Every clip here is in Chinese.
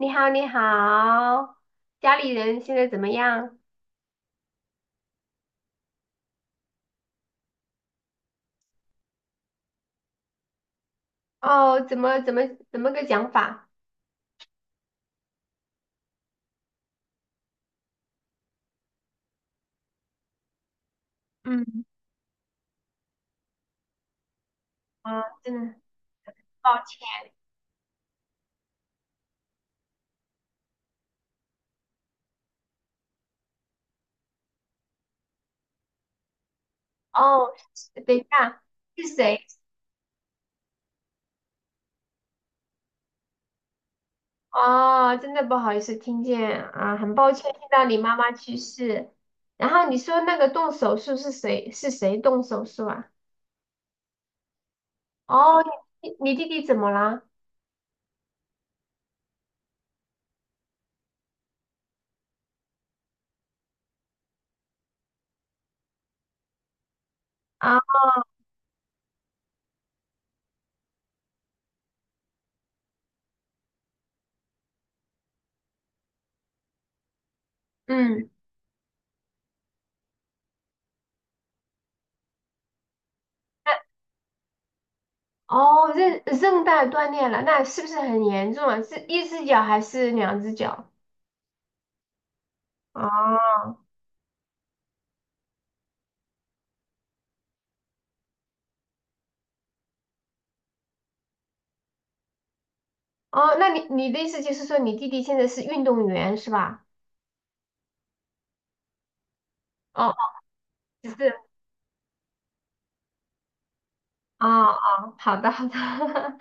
你好，你好，家里人现在怎么样？哦，怎么个讲法？嗯，啊，真的，抱歉哦，等一下，是谁？哦，真的不好意思，听见啊，很抱歉听到你妈妈去世。然后你说那个动手术是谁？是谁动手术啊？哦，你弟弟怎么了？啊，嗯，那哦，韧带断裂了，那是不是很严重啊？是一只脚还是两只脚？哦哦，那你的意思就是说你弟弟现在是运动员是吧？哦，哦只是哦哦，好的好的，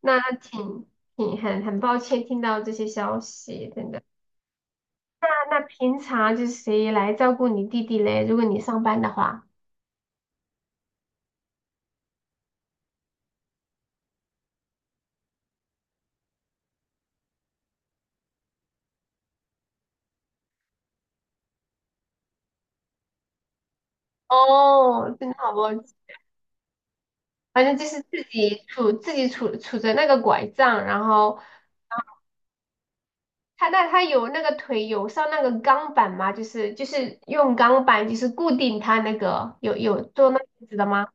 那挺挺很很抱歉听到这些消息，真的。那那平常就是谁来照顾你弟弟嘞？如果你上班的话，哦，真的好抱歉，反正就是自己杵着那个拐杖，然后它有那个腿有上那个钢板吗？就是用钢板就是固定它那个有做那样子的吗？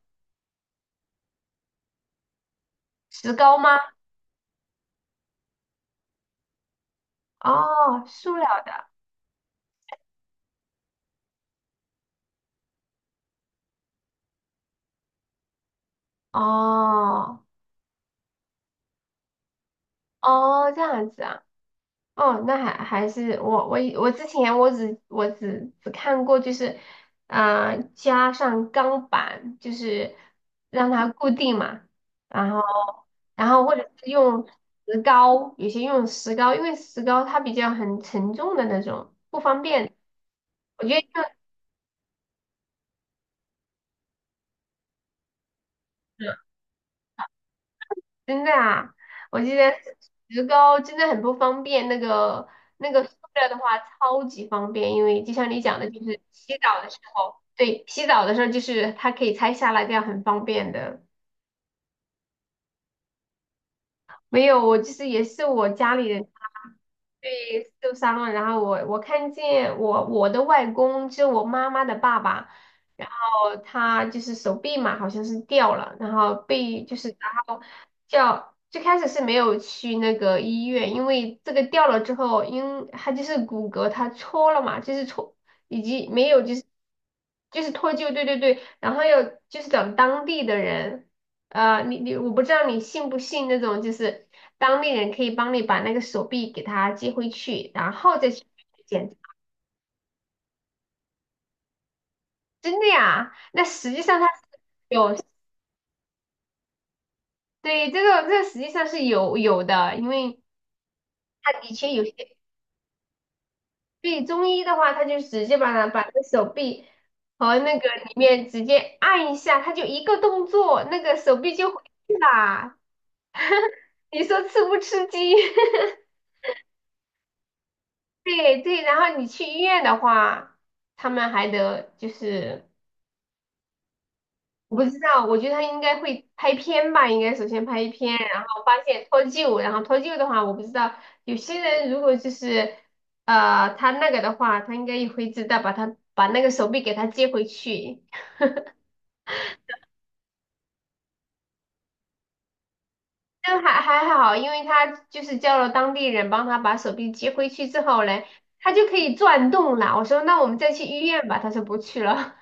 石膏吗？哦，塑料的。哦哦，这样子啊。哦，那还还是我之前我只看过就是呃加上钢板就是让它固定嘛，然后然后或者是用石膏，有些用石膏，因为石膏它比较很沉重的那种，不方便。我觉得用真的啊，我觉得石膏真的很不方便，那个那个塑料的话超级方便，因为就像你讲的，就是洗澡的时候，对，洗澡的时候就是它可以拆下来，这样很方便的。没有，我就是也是我家里人。被受伤了，然后我看见我的外公，就我妈妈的爸爸，然后他就是手臂嘛，好像是掉了，然后被就是然后叫最开始是没有去那个医院，因为这个掉了之后，因他就是骨骼他戳了嘛，就是戳以及没有就是。就是脱臼，对对对，然后要就是找当地的人，你我不知道你信不信那种，就是当地人可以帮你把那个手臂给他接回去，然后再去检查，真的呀？那实际上他是有，对，这个实际上是有的，因为他以前有些对中医的话，他就直接把它把那个手臂和那个里面直接按一下，他就一个动作，那个手臂就回去啦。你说吃不吃激？对对，然后你去医院的话，他们还得就是，我不知道，我觉得他应该会拍片吧，应该首先拍片，然后发现脱臼，然后脱臼的话，我不知道有些人如果就是他那个的话，他应该也会知道把他把那个手臂给他接回去，但还还好，因为他就是叫了当地人帮他把手臂接回去之后嘞，他就可以转动了。我说那我们再去医院吧，他说不去了。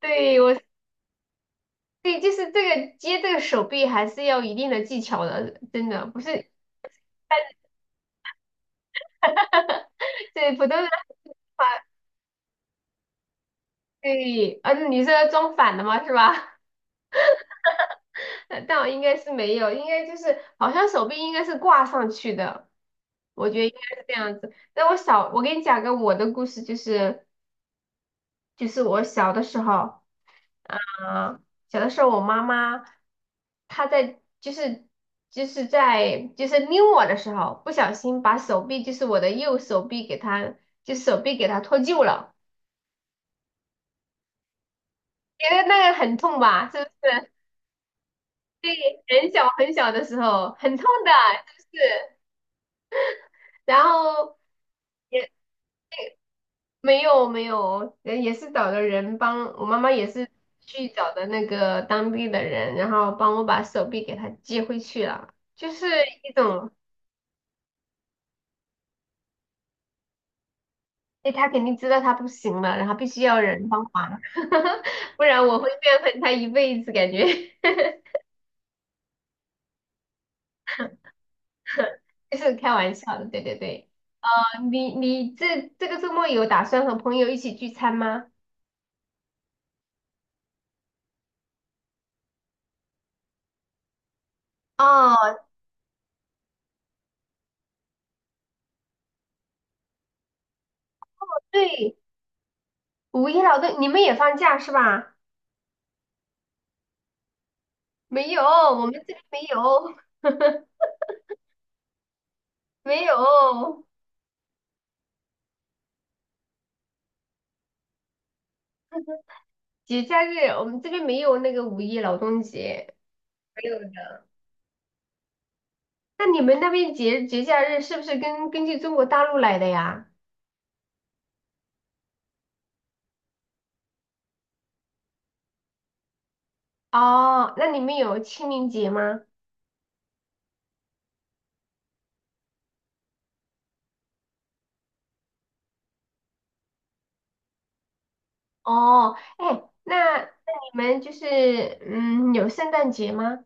对，我对，就是这个接这个手臂还是要一定的技巧的，真的不是 对普通的话，对，啊，你是装反的吗？是吧？但我应该是没有，应该就是好像手臂应该是挂上去的，我觉得应该是这样子。那我小，我给你讲个我的故事，就是就是我小的时候。啊，小的时候，我妈妈她在就是就是在就是拎我的时候，不小心把手臂就是我的右手臂给她就手臂给她脱臼了，觉得那个很痛吧？是不是？对，很小很小的时候很痛的，是不是？然后也没有，也也是找的人帮我妈妈也是去找的那个当地的人，然后帮我把手臂给她接回去了，就是一种。哎，他肯定知道他不行了，然后必须要人帮忙，不然我会怨恨他一辈子，感觉 就是开玩笑的。对对对，啊，你你这这个周末有打算和朋友一起聚餐吗？哦，对，五一劳动，你们也放假是吧？没有，我们这边没有，没有节假日，我们这边没有那个五一劳动节，没有的。那你们那边节假日是不是跟根据中国大陆来的呀？哦，那你们有清明节吗？哦，哎，那那你们就是嗯有圣诞节吗？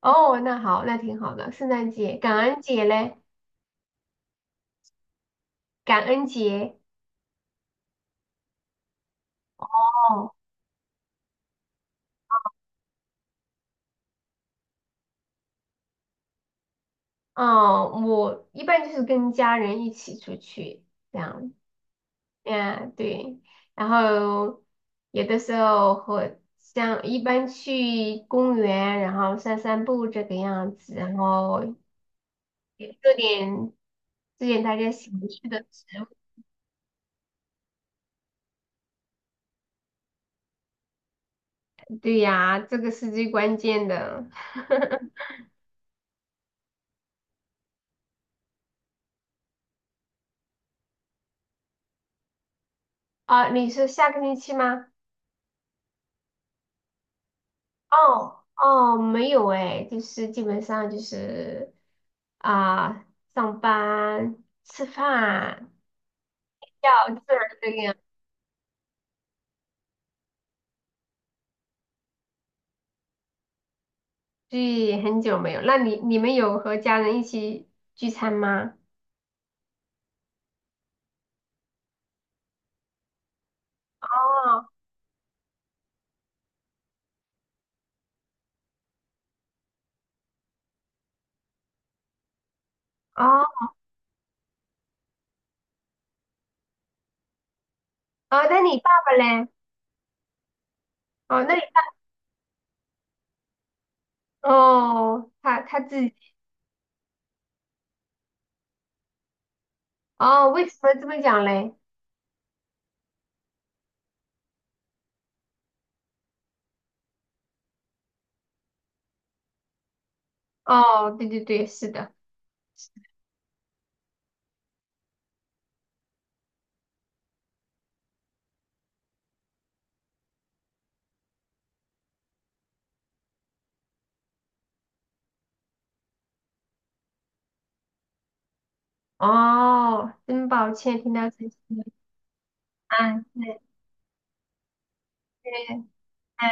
哦，那好，那挺好的，圣诞节、感恩节嘞，感恩节。哦，哦，我一般就是跟家人一起出去这样，嗯，对，然后有的时候和像一般去公园，然后散散步这个样子，然后也做点做点大家喜欢去的。对呀，这个是最关键的。啊，你是下个星期吗？哦哦，没有哎，就是基本上就是啊，上班、吃饭、要这儿这个样，对，很久没有。那你们有和家人一起聚餐吗？哦哦哦，那你爸爸嘞？哦，那你哦，他自己哦，为什么这么讲嘞？哦，对对对，是的。哦，真抱歉听到这些。嗯，是是，很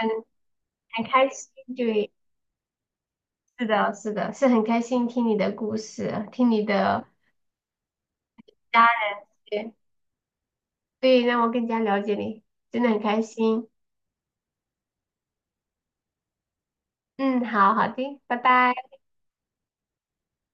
很开心，对，是的，是的，是很开心听你的故事，听你的家人，对，让我更加了解你，真的很开心。嗯，好好的，拜拜。